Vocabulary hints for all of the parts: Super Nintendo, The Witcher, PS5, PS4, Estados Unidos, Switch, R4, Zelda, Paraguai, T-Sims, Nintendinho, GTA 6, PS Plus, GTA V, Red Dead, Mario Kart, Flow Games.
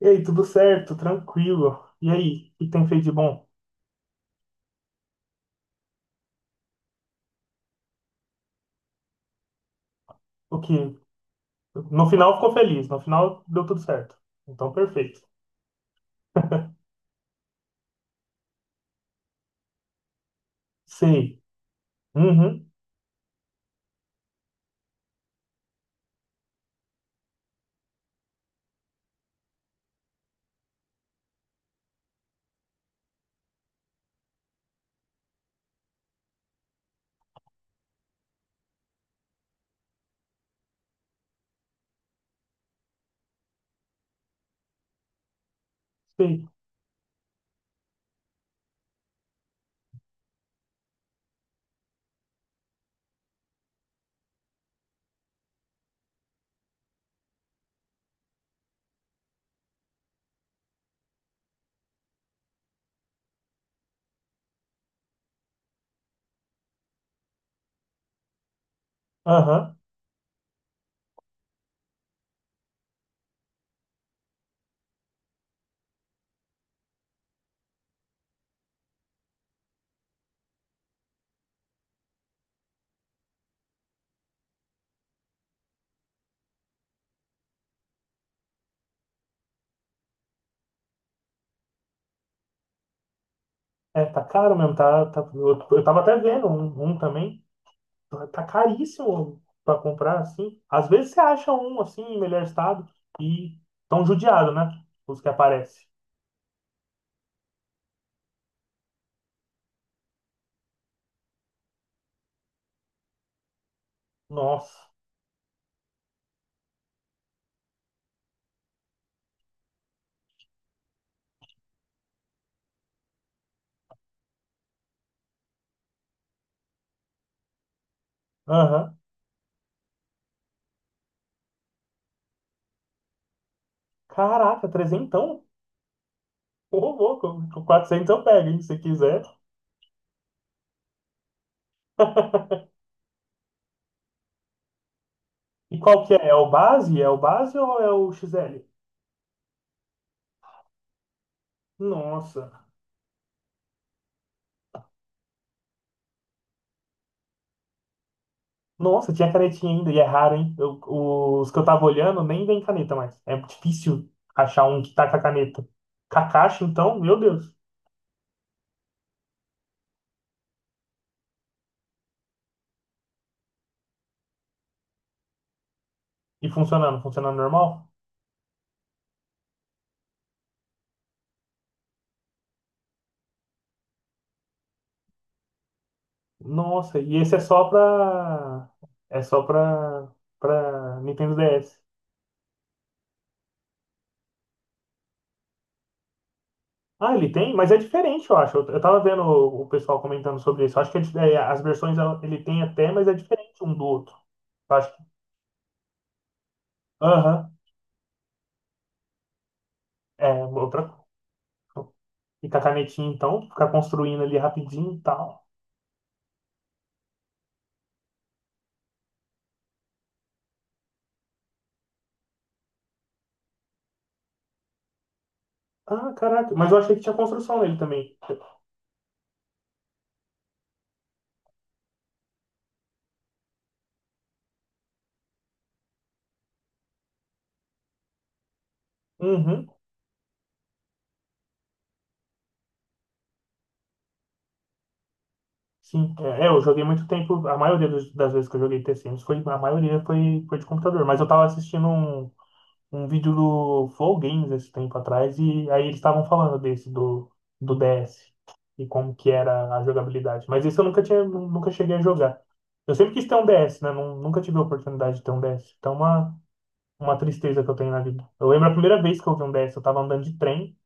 E aí, tudo certo? Tranquilo. E aí, o que tem feito de bom? O que? No final ficou feliz, no final deu tudo certo. Então, perfeito. Sei. Uhum, sei. Aham. É, tá caro mesmo, eu tava até vendo um também. Tá caríssimo pra comprar, assim. Às vezes você acha um, assim, em melhor estado e tão judiado, né? Os que aparecem. Nossa. Aham. Caraca, trezentão? Ô, louco, 400 eu pego, hein, se quiser. E qual que é? É o base? É o base ou é o XL? Nossa. Nossa, tinha canetinha ainda, e é raro, hein? Os que eu tava olhando nem vem caneta mais. É difícil achar um que tá com a caneta. Kakashi, então, meu Deus. E funcionando, funcionando normal? Nossa, e esse é só pra Nintendo DS. Ah, ele tem? Mas é diferente, eu acho. Eu tava vendo o pessoal comentando sobre isso. Eu acho que é, as versões ele tem até, mas é diferente um do outro. Eu acho que. Aham. É, outra. E com a canetinha, então, ficar construindo ali rapidinho e tal. Ah, caraca. Mas eu achei que tinha construção nele também. Uhum, sim. É, é, eu joguei muito tempo. A maioria das vezes que eu joguei T-Sims foi. A maioria foi de computador. Mas eu tava assistindo um vídeo do Flow Games esse tempo atrás. E aí eles estavam falando desse, do DS. E como que era a jogabilidade. Mas esse eu nunca tinha, nunca cheguei a jogar. Eu sempre quis ter um DS, né? Nunca tive a oportunidade de ter um DS. Então, é uma tristeza que eu tenho na vida. Eu lembro a primeira vez que eu vi um DS, eu tava andando de trem,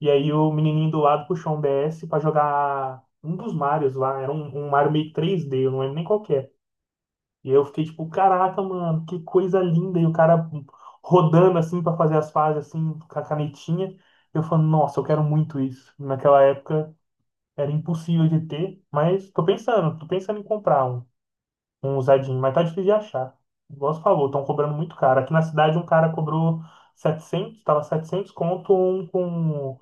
e aí o menininho do lado puxou um DS pra jogar um dos Marios lá, era um Mario meio 3D, eu não lembro nem qual que é. E eu fiquei tipo, caraca, mano, que coisa linda, e o cara rodando assim pra fazer as fases assim, com a canetinha. Eu falo, nossa, eu quero muito isso. Naquela época era impossível de ter, mas tô pensando em comprar um usadinho, mas tá difícil de achar. Igual você falou, estão cobrando muito caro. Aqui na cidade um cara cobrou 700, tava 700, conto um com,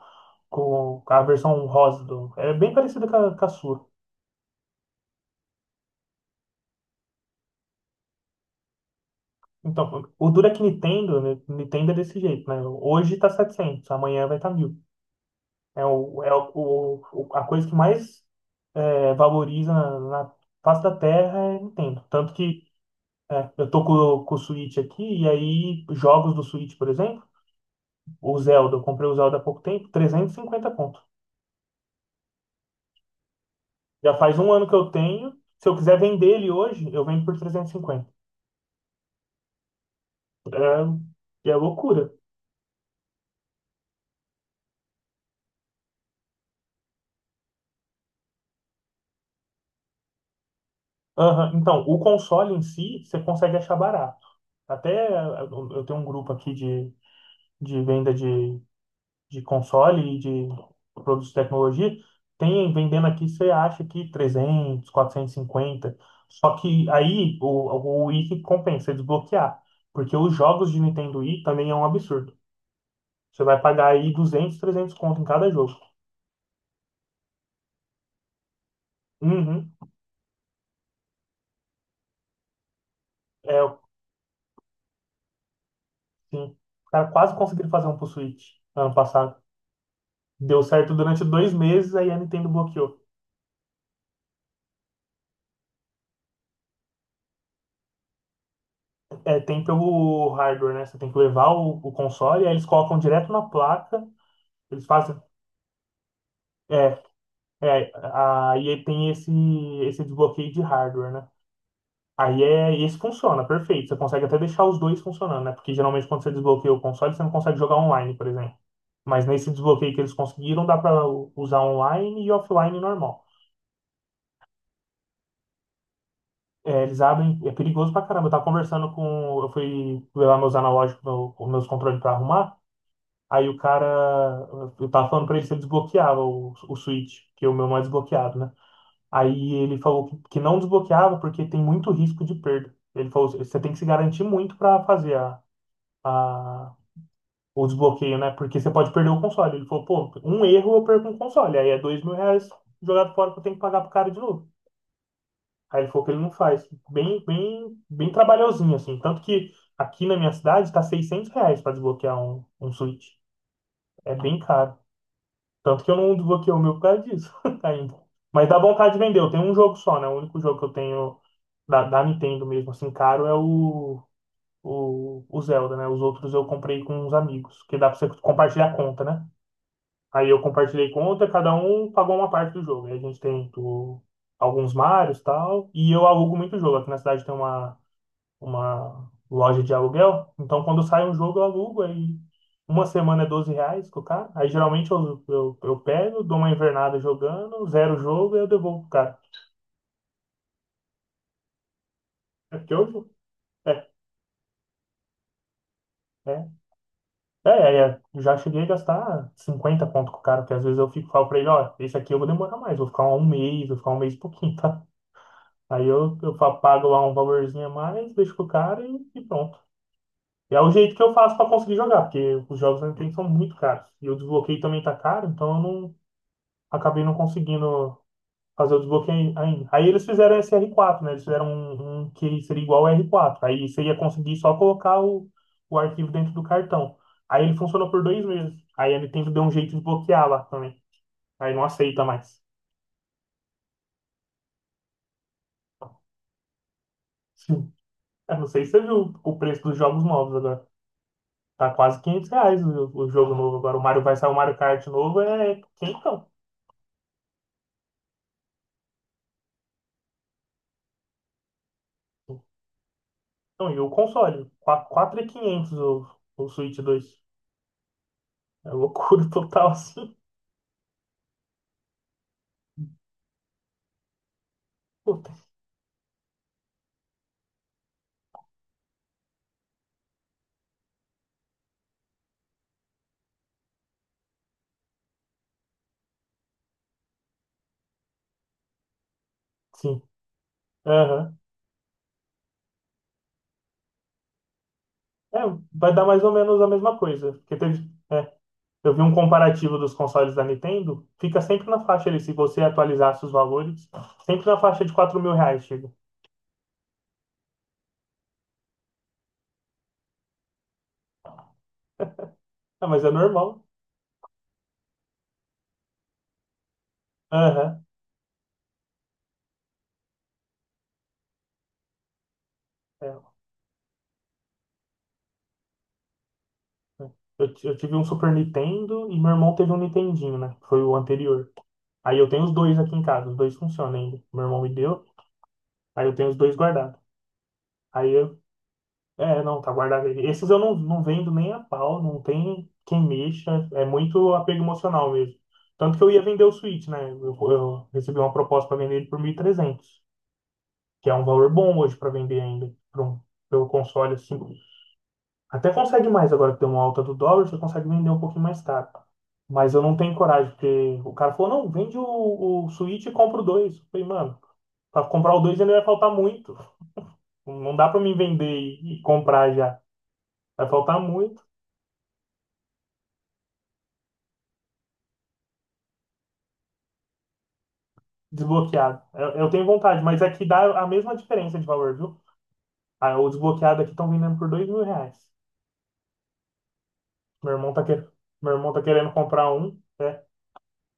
com a versão rosa do. É bem parecida com a sua. Então, o duro é que Nintendo, né, Nintendo é desse jeito, né? Hoje tá 700, amanhã vai estar tá 1.000. A coisa que mais valoriza na face da terra é Nintendo. Tanto que eu tô com o Switch aqui, e aí jogos do Switch, por exemplo, o Zelda, eu comprei o Zelda há pouco tempo, 350 conto. Já faz um ano que eu tenho. Se eu quiser vender ele hoje, eu vendo por 350. É, é loucura. Aham, então, o console em si, você consegue achar barato. Até eu tenho um grupo aqui de venda de console e de produtos de tecnologia. Tem vendendo aqui, você acha que 300, 450. Só que aí o Wii que compensa você desbloquear. Porque os jogos de Nintendo Wii também é um absurdo. Você vai pagar aí 200, 300 conto em cada jogo. Uhum. É, sim. Os caras quase conseguiram fazer um pro Switch ano passado. Deu certo durante dois meses, aí a Nintendo bloqueou. É, tem pelo hardware, né? Você tem que levar o console, aí eles colocam direto na placa, eles fazem. É, é, aí tem esse desbloqueio de hardware, né? Aí esse funciona, perfeito. Você consegue até deixar os dois funcionando, né? Porque geralmente quando você desbloqueia o console, você não consegue jogar online, por exemplo. Mas nesse desbloqueio que eles conseguiram, dá para usar online e offline normal. É, eles abrem, é perigoso pra caramba. Eu tava conversando com. Eu fui ver lá meus analógicos, os meus controles pra arrumar. Aí o cara. Eu tava falando pra ele se ele desbloqueava o Switch, que é o meu mais desbloqueado, né? Aí ele falou que não desbloqueava porque tem muito risco de perda. Ele falou: você tem que se garantir muito pra fazer a, o desbloqueio, né? Porque você pode perder o console. Ele falou, pô, um erro eu perco um console. Aí é 2.000 reais jogado fora que eu tenho que pagar pro cara de novo. Aí ele falou que ele não faz. Bem, bem, bem trabalhosinho, assim. Tanto que aqui na minha cidade tá 600 reais pra desbloquear um Switch. É bem caro. Tanto que eu não desbloqueei o meu por causa disso ainda. Mas dá vontade de vender. Eu tenho um jogo só, né? O único jogo que eu tenho da Nintendo mesmo, assim, caro é o Zelda, né? Os outros eu comprei com uns amigos, que dá pra você compartilhar a conta, né? Aí eu compartilhei conta, cada um pagou uma parte do jogo. Aí a gente tem tipo, alguns Marios e tal. E eu alugo muito jogo. Aqui na cidade tem uma loja de aluguel. Então quando sai um jogo, eu alugo. Aí uma semana é 12 reais com o cara. Aí geralmente eu pego, dou uma invernada jogando, zero o jogo e eu devolvo pro cara. É porque hoje. É, é, é. Eu já cheguei a gastar 50 pontos com o cara, porque às vezes eu fico, falo pra ele, ó, esse aqui eu vou demorar mais, vou ficar um mês, vou ficar um mês e pouquinho, tá? Aí eu pago lá um valorzinho a mais, deixo com o cara e pronto. E é o jeito que eu faço para conseguir jogar, porque os jogos na Nintendo são muito caros. E o desbloqueio também tá caro, então eu não acabei não conseguindo fazer o desbloqueio ainda. Aí eles fizeram esse R4, né? Eles fizeram um que seria igual ao R4. Aí você ia conseguir só colocar o arquivo dentro do cartão. Aí ele funcionou por dois meses. Aí a Nintendo deu um jeito de bloquear lá também. Aí não aceita mais. Eu não sei se você viu o preço dos jogos novos agora. Tá quase 500 reais o jogo novo. Agora o Mario vai sair o Mario Kart novo, é quentão. Então, e o console? Quatro mil e quinhentos o Switch dois. É loucura total, assim. Puta, sim. Aham. É, vai dar mais ou menos a mesma coisa. Porque teve, eu vi um comparativo dos consoles da Nintendo, fica sempre na faixa ali, se você atualizasse os valores, sempre na faixa de 4.000 reais, chega. Ah, mas é normal. Aham. É. Eu tive um Super Nintendo e meu irmão teve um Nintendinho, né? Que foi o anterior. Aí eu tenho os dois aqui em casa, os dois funcionam ainda. Meu irmão me deu, aí eu tenho os dois guardados. Aí eu. É, não, tá guardado. Aí. Esses eu não, não vendo nem a pau, não tem quem mexa, é muito apego emocional mesmo. Tanto que eu ia vender o Switch, né? Eu recebi uma proposta para vender ele por 1.300 que é um valor bom hoje para vender ainda, pelo console assim. Até consegue mais agora que tem uma alta do dólar, você consegue vender um pouquinho mais caro. Mas eu não tenho coragem, porque o cara falou, não, vende o Switch e compra o 2. Eu falei, mano, para comprar o 2 ainda vai faltar muito. Não dá para mim vender e comprar já. Vai faltar muito desbloqueado. Eu tenho vontade, mas aqui dá a mesma diferença de valor, viu? Ah, o desbloqueado aqui estão vendendo por 2.000 reais. Meu irmão tá querendo, meu irmão tá querendo comprar um, né?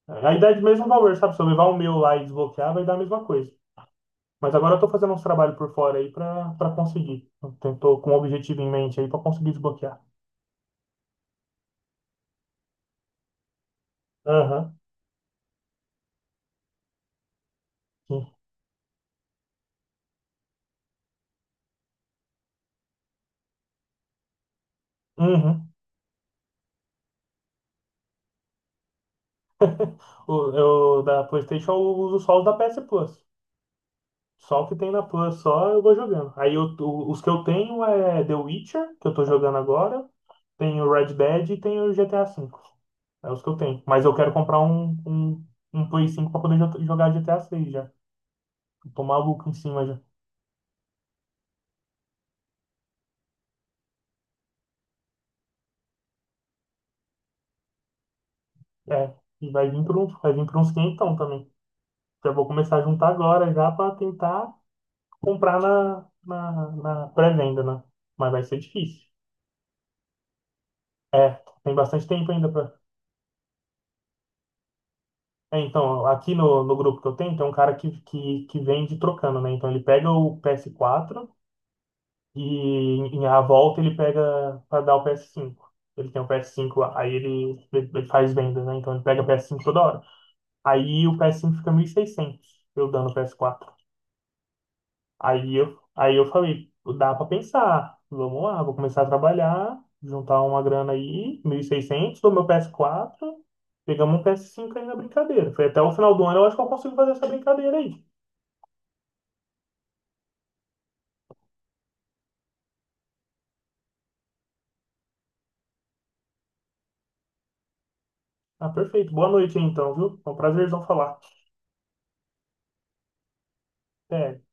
Aí dá de mesmo valor, sabe? Se eu levar o meu lá e desbloquear, vai dar a mesma coisa. Mas agora eu tô fazendo uns trabalhos por fora aí pra para conseguir. Eu tô com um objetivo em mente aí pra conseguir desbloquear. Aham. Sim. Uhum. O- Da PlayStation eu uso só os da PS Plus. Só o que tem na Plus, só eu vou jogando. Aí os que eu tenho é The Witcher, que eu tô jogando agora, tem o Red Dead e tem o GTA V. É os que eu tenho. Mas eu quero comprar um Play 5 pra poder jogar GTA 6 já. Eu tô maluco em cima já. É, e vai vir por uns 500 também. Já vou começar a juntar agora já para tentar comprar na pré-venda, né? Mas vai ser difícil. É, tem bastante tempo ainda para. É, então, aqui no grupo que eu tenho, tem um cara que vende trocando, né? Então ele pega o PS4 e em a volta ele pega para dar o PS5. Ele tem o PS5 lá, aí ele faz venda, né? Então ele pega o PS5 toda hora. Aí o PS5 fica 1.600 eu dando o PS4. Aí eu falei, dá pra pensar. Vamos lá, vou começar a trabalhar, juntar uma grana aí, 1.600 do meu PS4 pegamos um PS5 aí na brincadeira. Foi até o final do ano, eu acho que eu consigo fazer essa brincadeira aí. Ah, perfeito. Boa noite aí, então, viu? Foi um prazerzão falar. Até.